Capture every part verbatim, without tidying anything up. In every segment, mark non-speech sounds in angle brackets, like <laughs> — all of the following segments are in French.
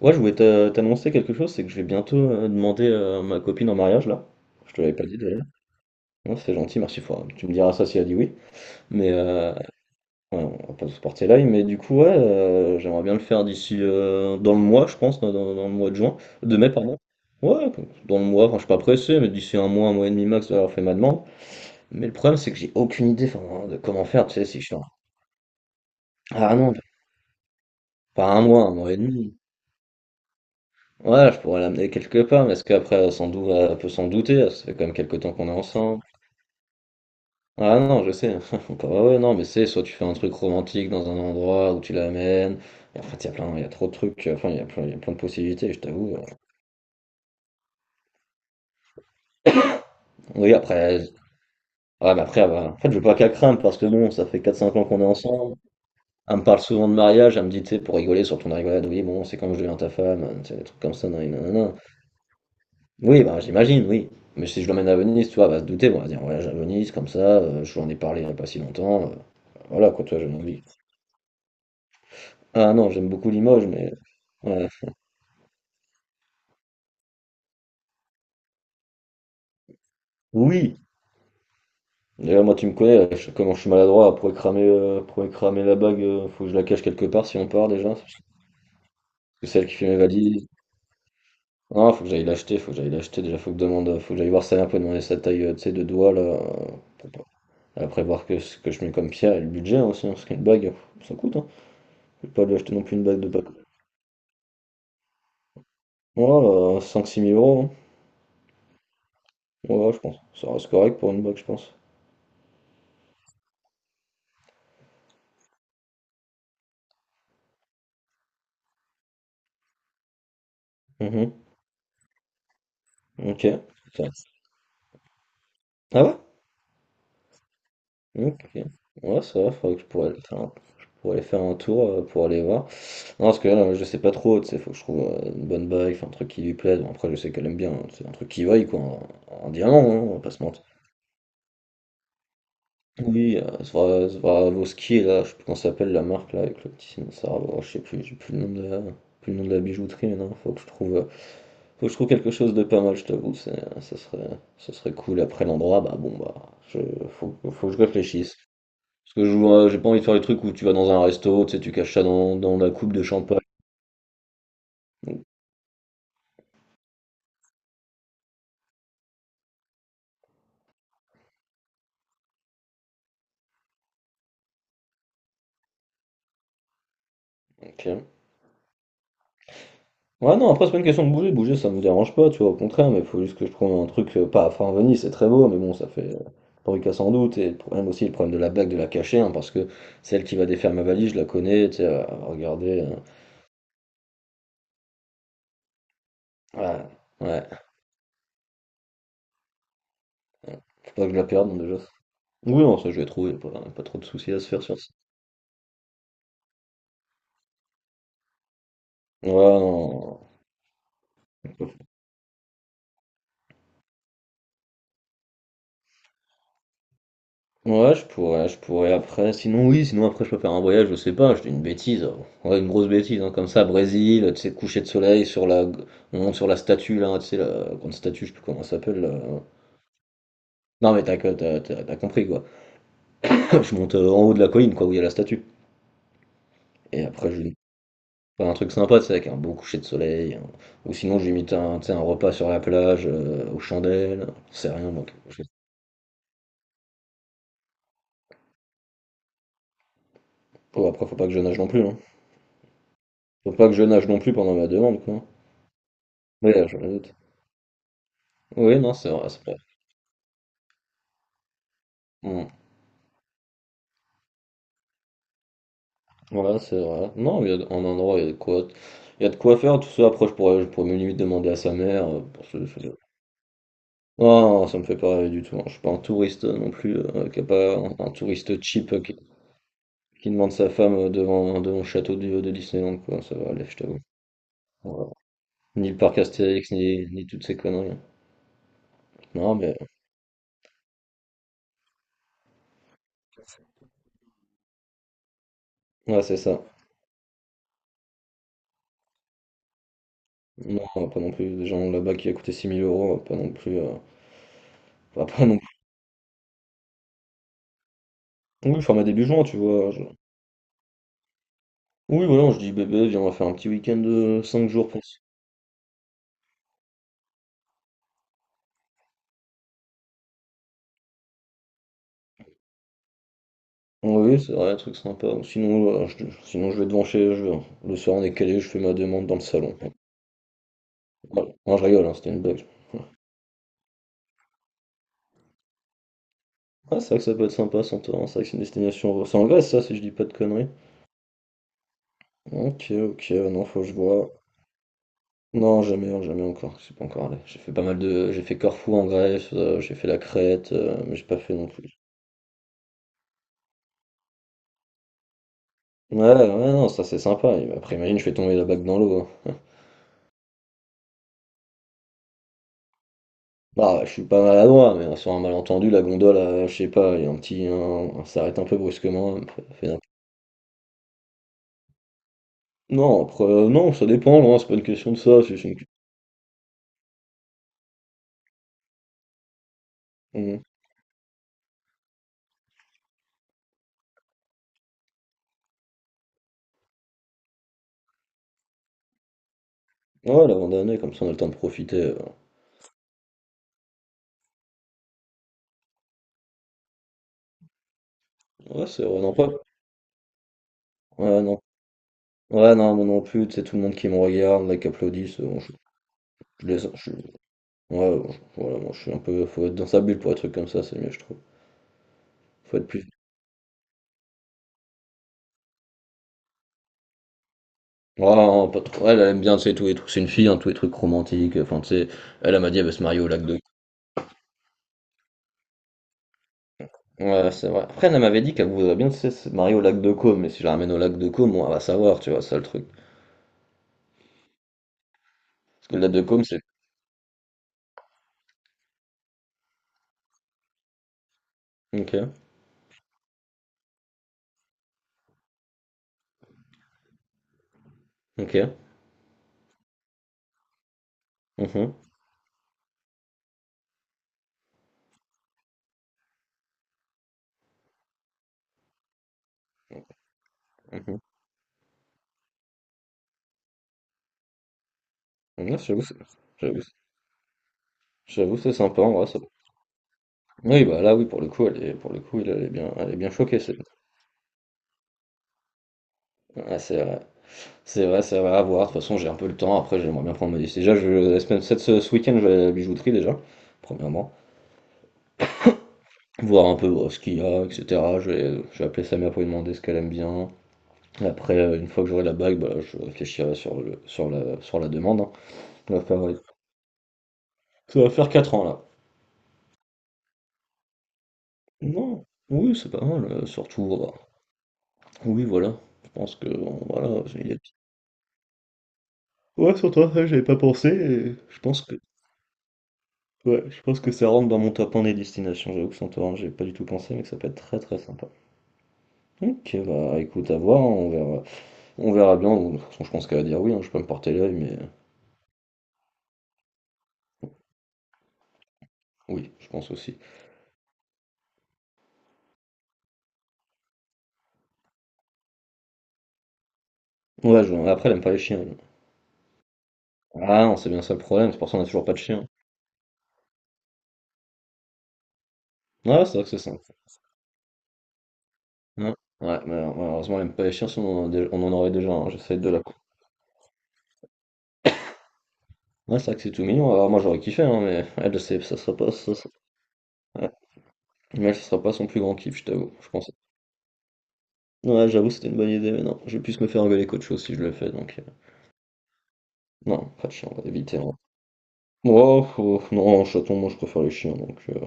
Ouais, je voulais te- t'annoncer quelque chose, c'est que je vais bientôt euh, demander euh, ma copine en mariage là. Je te l'avais pas dit d'ailleurs. Non, c'est gentil, merci. Faut- tu me diras ça si elle dit oui. Mais euh, ouais, on va pas se porter l'œil. Mais du coup, ouais, euh, j'aimerais bien le faire d'ici euh, dans le mois, je pense, dans, dans- dans le mois de juin, de mai, pardon. Ouais, dans le mois. Enfin, je suis pas pressé, mais d'ici un mois, un mois et demi max, d'avoir fait ma demande. Mais le problème, c'est que j'ai aucune idée, enfin, de comment faire. Tu sais, si je suis en- ah non, pas un mois, un mois et demi. Ouais, je pourrais l'amener quelque part, mais est-ce qu'après, elle s'en dou- elle peut s'en douter? Ça fait quand même quelques temps qu'on est ensemble. Ah non, je sais. <laughs> Ah ouais, non, mais c'est soit tu fais un truc romantique dans un endroit où tu l'amènes. Et en fait, il y a plein, il y a trop de trucs. euh, Enfin, il y a plein, il y a plein de possibilités, je t'avoue. euh. Oui, après, elle- ouais, mais après, elle en fait, je veux pas qu'elle crame parce que bon, ça fait quatre cinq ans qu'on est ensemble. Elle me parle souvent de mariage, elle me dit, tu sais, pour rigoler sur ton rigolade, oui, bon, c'est quand je deviens ta femme, tu sais, des trucs comme ça, nanani, nanana. Oui, bah, j'imagine, oui. Mais si je l'emmène à Venise, tu vois, elle va se douter, bon, elle va dire voyage à Venise, comme ça, euh, je lui en ai parlé il n'y a pas si longtemps. Euh, voilà, quoi, tu vois, j'ai envie. Ah non, j'aime beaucoup Limoges, mais. Ouais. Oui! D'ailleurs, moi, tu me connais, euh, je- comment je suis maladroit, pour cramer, euh, pour cramer la bague, euh, faut que je la cache quelque part si on part déjà. Parce que celle qui fait mes valises. Non, faut que j'aille l'acheter, faut que j'aille l'acheter. Déjà, faut que, je demande, faut que j'aille voir ça un peu, demander sa taille, euh, tu sais, de doigt, là. euh, pour pas- Après, voir que ce que je mets comme pierre et le budget hein, aussi, hein, parce qu'une bague, ça coûte, hein. Je vais pas lui acheter non plus une bague de. Ouais, bah, cinq six mille euros hein. Ouais, ouais, je pense. Ça reste correct pour une box, je pense. Mhm. Ok. Ça. Ah ouais? Ok. Ouais, ça va, faudrait que je pourrais aller faire un, je pourrais aller faire un tour euh, pour aller voir. Non, parce que là, je sais pas trop, tu sais, faut que je trouve euh, une bonne bague, enfin, un truc qui lui plaise. Bon, après, je sais qu'elle aime bien, hein, c'est un truc qui vaille, quoi, un, un diamant, hein, on va pas se mentir. Oui, euh, Svra- Swarovski, là, je sais plus comment ça s'appelle la marque, là, avec le petit signe, ça, je sais plus, j'ai plus le nom de la, plus le nom de la bijouterie, mais non, faut que je trouve. Faut que je trouve quelque chose de pas mal, je t'avoue, c'est- ça serait, ça serait cool. Après l'endroit, bah bon, bah, je, faut, faut que je réfléchisse. Parce que je vois- j'ai pas envie de faire les trucs où tu vas dans un resto, tu sais, tu caches ça dans, dans la coupe de champagne. Ok. Ouais, non, après, c'est pas une question de bouger, bouger, ça me dérange pas, tu vois, au contraire, mais faut juste que je trouve un truc, euh, pas, enfin, Venise, c'est très beau, mais bon, ça fait euh, bruit qu'à sans doute, et le problème aussi, le problème de la bague, de la cacher, hein, parce que celle qui va défaire ma valise, je la connais, tu sais, à regarder, euh, ouais, ouais, faut pas que je la perde, donc déjà. Oui, non, ça je vais trouver, pas, pas trop de soucis à se faire sur ça. Ouais, non. Ouais, je pourrais, je pourrais après. Sinon, oui, sinon après, je peux faire un voyage, je sais pas, je dis une bêtise. Ouais, une grosse bêtise, hein, comme ça, Brésil, tu sais, coucher de soleil sur la, on monte sur la statue, là, tu sais, la grande statue, je sais plus comment elle s'appelle, là. Non, mais t'as, t'as, t'as- t'as compris, quoi. <laughs> Je monte euh, en haut de la colline, quoi, où il y a la statue. Et après, je faire un truc sympa, tu sais, avec un beau coucher de soleil. Hein. Ou sinon, j'imite un, tu sais, un repas sur la plage, euh, aux chandelles, c'est rien, donc. je- Oh, après, faut pas que je nage non plus, hein. Faut pas que je nage non plus pendant ma demande, quoi. Oui, là, je me doute. Oui, non, c'est vrai, c'est vrai. Hmm. Ouais, c'est vrai. Non, il y a, en endroit, il y a de quoi, il y a de quoi faire. Tout ça, après, je pourrais, je pourrais même limite demander à sa mère. euh, Pour se- se- Non, non, ça me fait pas rêver du tout. Hein. Je suis pas un touriste euh, non plus, euh, qui a pas un, un, touriste cheap euh, qui, qui demande sa femme euh, devant, devant le château de, de Disneyland, quoi. Ça va aller, je t'avoue. Ouais. Ni le parc Astérix, ni, ni toutes ces conneries. Non, mais ouais, c'est ça. Non, pas non plus. Des gens là-bas qui a coûté six mille euros, euh, pas non plus. euh, Enfin, pas non. Oui, format début juin, tu vois? je- Oui, voilà, je dis bébé, viens, on va faire un petit week-end de cinq jours pour s- Oui, c'est vrai, un truc sympa. Sinon, voilà, je, sinon, je vais devant chez. Je, vais- le soir, on est calé, je fais ma demande dans le salon. Voilà. Non, je rigole, hein, c'était une blague. Ah, c'est vrai que ça peut être sympa, Santorin. C'est vrai que c'est une destination. C'est en Grèce, ça, si je dis pas de conneries. Ok, ok, non, faut que je vois. Non, jamais, hein, jamais encore. Je suis pas encore allé. J'ai fait pas mal de. J'ai fait Corfou en Grèce, euh, j'ai fait la Crète, euh, mais j'ai pas fait non plus. Ouais, ouais, non, ça c'est sympa. Après, imagine, je fais tomber la bague dans l'eau. Hein. Ah, je suis pas maladroit, mais sur un malentendu, la gondole, euh, je sais pas, il y a un petit, un- un- s'arrête un peu brusquement. Elle me fait- un- Non, après, euh, non, ça dépend, loin, c'est pas une question de ça, c'est juste une. Mm. Ouais, l'abandonner, comme ça on a le temps de profiter. euh. Ouais, c'est vrai, non, pas. Ouais, non. Ouais, non, moi non plus, tu sais, tout le monde qui me regarde, là, qui applaudissent, euh, bon, je, je les. je- Ouais, bon, je- voilà, moi je suis un peu. Faut être dans sa bulle pour un truc comme ça, c'est mieux, je trouve. Faut être plus. Ah, non, pas trop. Elle, elle aime bien, tu sais, tous les trucs. C'est une fille, hein, tous les trucs romantiques. Enfin, tu sais, elle, elle m'a dit, elle veut se marier au lac de. Ouais, c'est vrai. Après, elle m'avait dit qu'elle voudrait bien tu se marier au lac de Côme, mais si je la ramène au lac de Côme, on va savoir, tu vois, ça le truc. Parce que le lac de Côme, c'est. Ok, ok. Mhm, mhm. Ouais, j'avoue, c'est- j'avoue, c'est- j'avoue, c'est sympa en vrai, ça. Oui, bah là, oui, pour le coup, elle est, pour le coup, elle est bien, elle est bien choquée, c'est ah, c'est vrai. C'est vrai, c'est vrai, à voir. De toute façon, j'ai un peu le temps. Après, j'aimerais bien prendre ma décision. Déjà, je, la semaine, cette, ce ce week-end, je vais à la bijouterie déjà, premièrement. Voir un peu bon, ce qu'il y a, et cetera. Je vais, je vais appeler Samia pour lui demander ce qu'elle aime bien. Après, euh, une fois que j'aurai la bague, bah, je réfléchirai sur le, sur la, sur la demande. Hein. Ça va faire, ouais. Ça va faire quatre ans là. Non, oui, c'est pas mal, euh, surtout. Euh, oui, voilà. Je pense que. on- Voilà, j'ai- il y a- Ouais, sur toi, ça, j'avais pas pensé. Et je pense que. Ouais, je pense que ça rentre dans mon top un des destinations. J'avoue que sans toi, hein, j'avais pas du tout pensé, mais que ça peut être très très sympa. Ok, bah écoute, à voir, hein, on verra, on verra bien. De toute façon, je pense qu'elle va dire oui, hein, je peux me porter l'œil, mais euh, oui, je pense aussi. Ouais, je- après, elle aime pas les chiens. Elle. Ah non, c'est bien ça le problème, c'est pour ça qu'on a toujours pas de chien. Ouais, c'est vrai que c'est simple. Ouais, ouais, mal- malheureusement, même pas les chiens, sinon on en, a dé- on en aurait déjà un. J'essaie de la couper. Ouais, c'est vrai que c'est tout mignon. Alors, moi, j'aurais kiffé, hein, mais elle, je sais, ça sera pas, ça sera... Ouais. Mais ça sera pas son plus grand kiff, je t'avoue. Je pense. Ouais, j'avoue, c'était une bonne idée, mais non, je vais plus me faire engueuler qu'autre chose si je le fais, donc. euh, Non, pas de chien, on va éviter. Hein. Oh, oh, non, chaton, moi, je préfère les chiens, donc. Euh...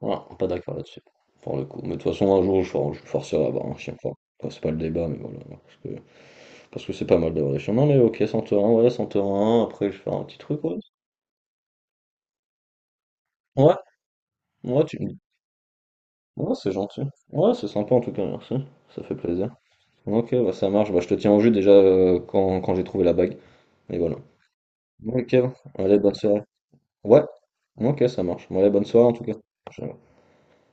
Voilà, pas d'accord là-dessus, pour le coup. Mais de toute façon, un jour, je, for- je forcerai à avoir un chien fort. Enfin, c'est pas le débat, mais voilà. Parce que c'est pas mal d'avoir des chemins, mais ok, Santorin, ouais, Santorin, après je vais faire un petit truc, ouais. Ouais, ouais, tu me dis. Ouais, c'est gentil. Ouais, c'est sympa en tout cas, merci. Ça fait plaisir. Ok, bah, ça marche, bah, je te tiens au jus déjà euh, quand, quand j'ai trouvé la bague. Et voilà. Ok, allez, bonne soirée. Ouais, ok, ça marche. Bon, allez, bonne soirée en tout cas. Ciao.